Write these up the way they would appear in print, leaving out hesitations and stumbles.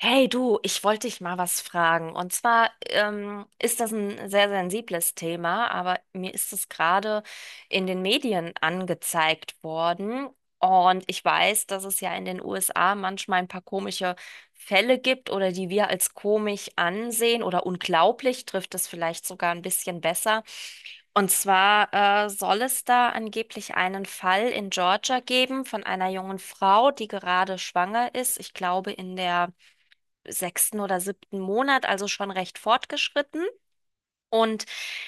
Hey du, ich wollte dich mal was fragen. Und zwar ist das ein sehr sensibles Thema, aber mir ist es gerade in den Medien angezeigt worden. Und ich weiß, dass es ja in den USA manchmal ein paar komische Fälle gibt oder die wir als komisch ansehen oder unglaublich, trifft es vielleicht sogar ein bisschen besser. Und zwar soll es da angeblich einen Fall in Georgia geben von einer jungen Frau, die gerade schwanger ist. Ich glaube, in der sechsten oder siebten Monat, also schon recht fortgeschritten. Und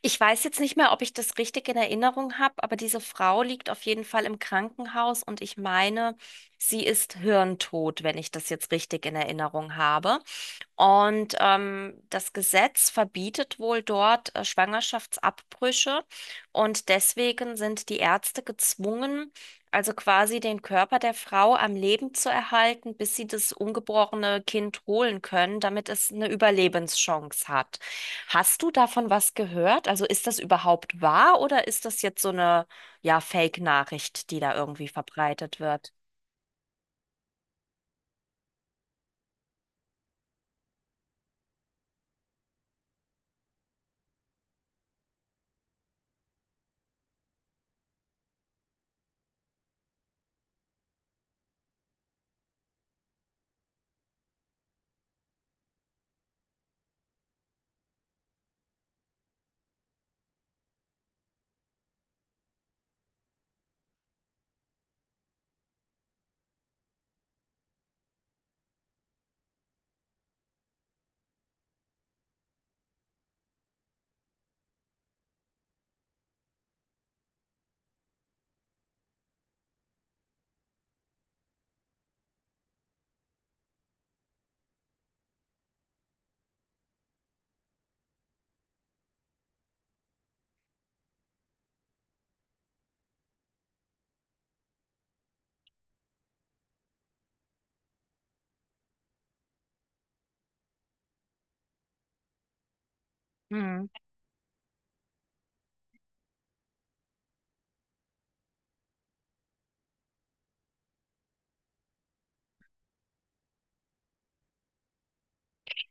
ich weiß jetzt nicht mehr, ob ich das richtig in Erinnerung habe, aber diese Frau liegt auf jeden Fall im Krankenhaus und ich meine, sie ist hirntot, wenn ich das jetzt richtig in Erinnerung habe. Und das Gesetz verbietet wohl dort Schwangerschaftsabbrüche und deswegen sind die Ärzte gezwungen, also quasi den Körper der Frau am Leben zu erhalten, bis sie das ungeborene Kind holen können, damit es eine Überlebenschance hat. Hast du davon was gehört? Also ist das überhaupt wahr oder ist das jetzt so eine, ja, Fake-Nachricht, die da irgendwie verbreitet wird? Mhm.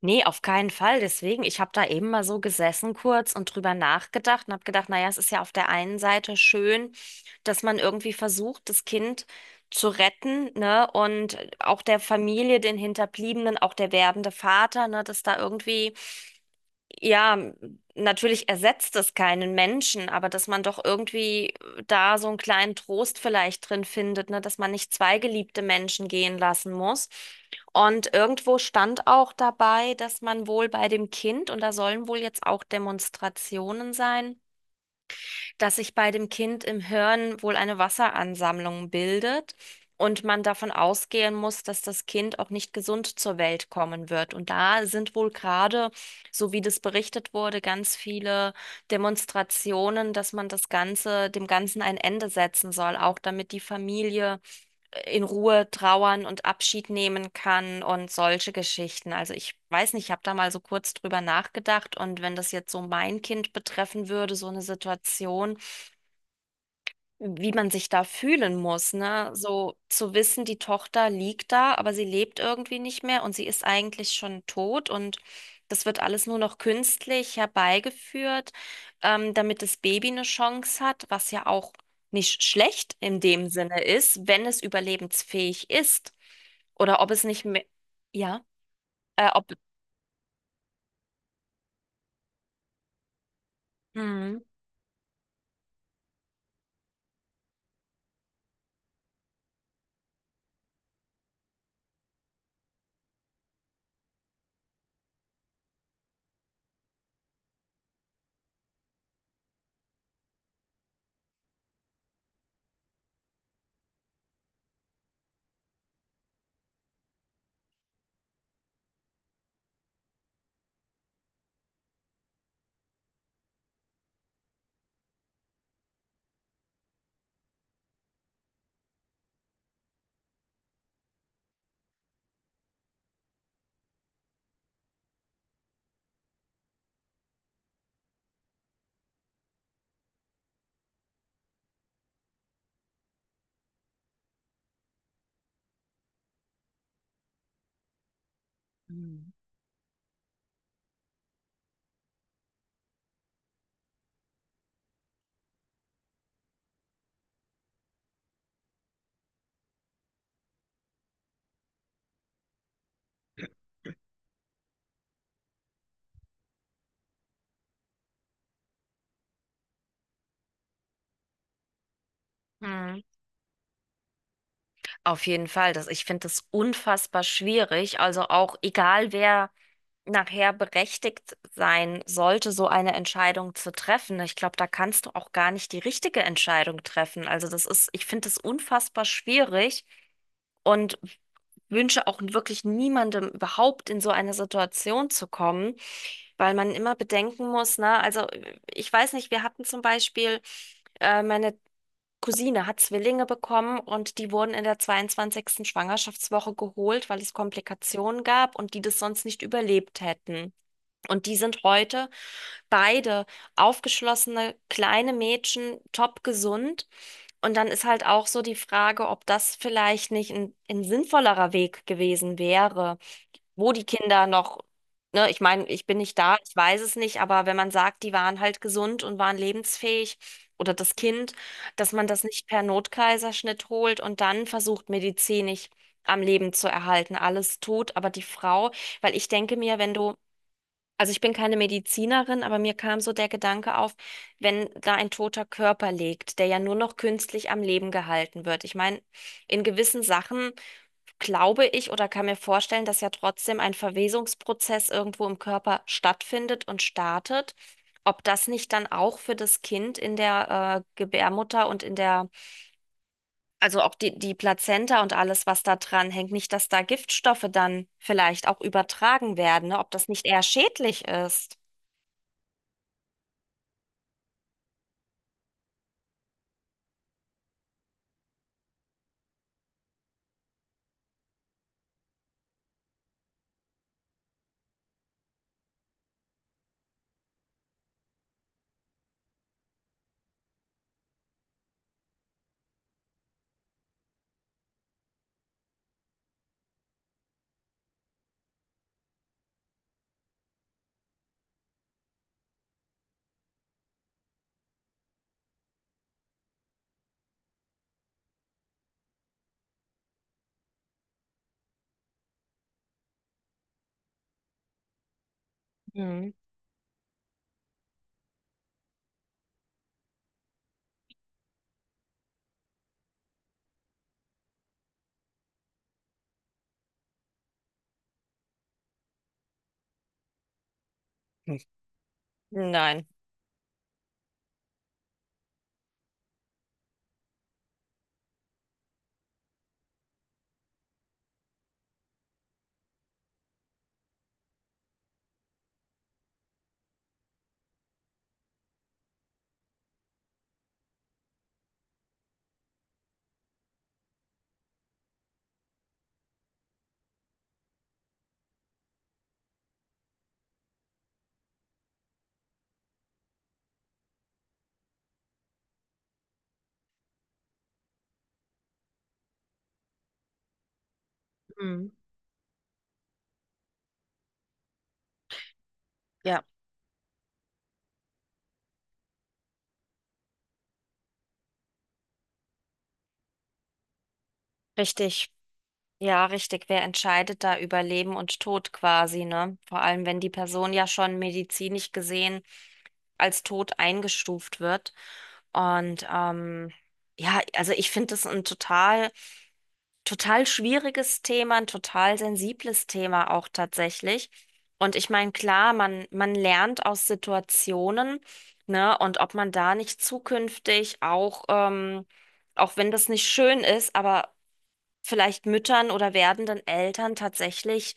Nee, auf keinen Fall. Deswegen, ich habe da eben mal so gesessen kurz und drüber nachgedacht und habe gedacht, naja, es ist ja auf der einen Seite schön, dass man irgendwie versucht, das Kind zu retten, ne? Und auch der Familie, den Hinterbliebenen, auch der werdende Vater, ne? Dass da irgendwie ja, natürlich ersetzt es keinen Menschen, aber dass man doch irgendwie da so einen kleinen Trost vielleicht drin findet, ne, dass man nicht zwei geliebte Menschen gehen lassen muss. Und irgendwo stand auch dabei, dass man wohl bei dem Kind, und da sollen wohl jetzt auch Demonstrationen sein, dass sich bei dem Kind im Hirn wohl eine Wasseransammlung bildet und man davon ausgehen muss, dass das Kind auch nicht gesund zur Welt kommen wird. Und da sind wohl gerade, so wie das berichtet wurde, ganz viele Demonstrationen, dass man das Ganze, dem Ganzen ein Ende setzen soll, auch damit die Familie in Ruhe trauern und Abschied nehmen kann und solche Geschichten. Also ich weiß nicht, ich habe da mal so kurz drüber nachgedacht und wenn das jetzt so mein Kind betreffen würde, so eine Situation, wie man sich da fühlen muss, ne? So zu wissen, die Tochter liegt da, aber sie lebt irgendwie nicht mehr und sie ist eigentlich schon tot und das wird alles nur noch künstlich herbeigeführt, damit das Baby eine Chance hat, was ja auch nicht schlecht in dem Sinne ist, wenn es überlebensfähig ist oder ob es nicht mehr, ja, ob Mhm. Mhm. Auf jeden Fall, das, ich finde das unfassbar schwierig. Also auch egal wer nachher berechtigt sein sollte, so eine Entscheidung zu treffen. Ich glaube, da kannst du auch gar nicht die richtige Entscheidung treffen. Also das ist, ich finde es unfassbar schwierig und wünsche auch wirklich niemandem überhaupt in so eine Situation zu kommen, weil man immer bedenken muss, ne? Also ich weiß nicht, wir hatten zum Beispiel, meine Cousine hat Zwillinge bekommen und die wurden in der zweiundzwanzigsten Schwangerschaftswoche geholt, weil es Komplikationen gab und die das sonst nicht überlebt hätten. Und die sind heute beide aufgeschlossene kleine Mädchen, top gesund. Und dann ist halt auch so die Frage, ob das vielleicht nicht ein sinnvollerer Weg gewesen wäre, wo die Kinder noch, ne, ich meine, ich bin nicht da, ich weiß es nicht, aber wenn man sagt, die waren halt gesund und waren lebensfähig oder das Kind, dass man das nicht per Notkaiserschnitt holt und dann versucht, medizinisch am Leben zu erhalten, alles tut, aber die Frau, weil ich denke mir, wenn du also ich bin keine Medizinerin, aber mir kam so der Gedanke auf, wenn da ein toter Körper liegt, der ja nur noch künstlich am Leben gehalten wird. Ich meine, in gewissen Sachen glaube ich oder kann mir vorstellen, dass ja trotzdem ein Verwesungsprozess irgendwo im Körper stattfindet und startet. Ob das nicht dann auch für das Kind in der Gebärmutter und in der, also auch die Plazenta und alles, was da dran hängt, nicht, dass da Giftstoffe dann vielleicht auch übertragen werden, ne? Ob das nicht eher schädlich ist. Nein. Mhm. Ja, richtig. Ja, richtig. Wer entscheidet da über Leben und Tod quasi, ne? Vor allem, wenn die Person ja schon medizinisch gesehen als tot eingestuft wird. Und ja, also ich finde das ein total, total schwieriges Thema, ein total sensibles Thema auch tatsächlich. Und ich meine, klar, man lernt aus Situationen, ne? Und ob man da nicht zukünftig auch, auch wenn das nicht schön ist, aber vielleicht Müttern oder werdenden Eltern tatsächlich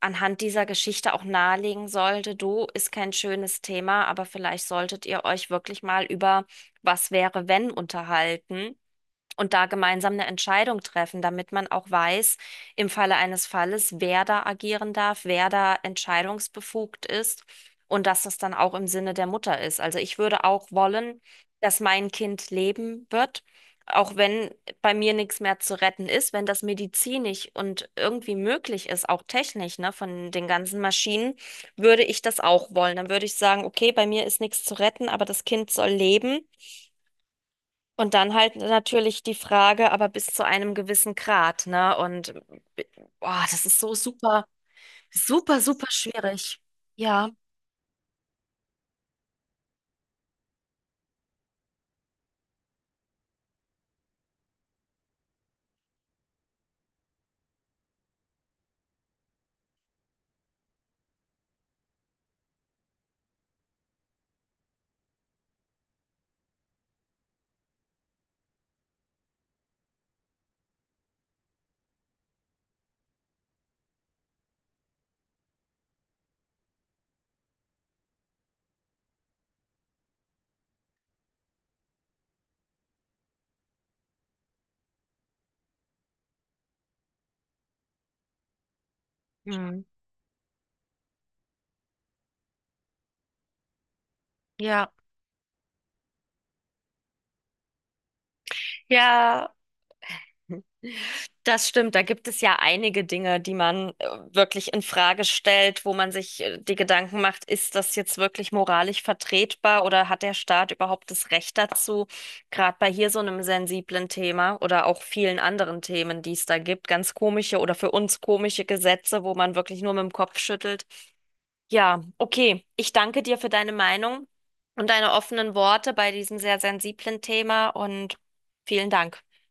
anhand dieser Geschichte auch nahelegen sollte, du, ist kein schönes Thema, aber vielleicht solltet ihr euch wirklich mal über was wäre, wenn unterhalten und da gemeinsam eine Entscheidung treffen, damit man auch weiß, im Falle eines Falles, wer da agieren darf, wer da entscheidungsbefugt ist und dass das dann auch im Sinne der Mutter ist. Also ich würde auch wollen, dass mein Kind leben wird. Auch wenn bei mir nichts mehr zu retten ist, wenn das medizinisch und irgendwie möglich ist, auch technisch, ne, von den ganzen Maschinen, würde ich das auch wollen. Dann würde ich sagen, okay, bei mir ist nichts zu retten, aber das Kind soll leben. Und dann halt natürlich die Frage, aber bis zu einem gewissen Grad, ne? Und boah, das ist so super, super, super schwierig. Ja. Hm. Ja. Ja. Das stimmt, da gibt es ja einige Dinge, die man wirklich in Frage stellt, wo man sich die Gedanken macht, ist das jetzt wirklich moralisch vertretbar oder hat der Staat überhaupt das Recht dazu? Gerade bei hier so einem sensiblen Thema oder auch vielen anderen Themen, die es da gibt, ganz komische oder für uns komische Gesetze, wo man wirklich nur mit dem Kopf schüttelt. Ja, okay, ich danke dir für deine Meinung und deine offenen Worte bei diesem sehr sensiblen Thema und vielen Dank.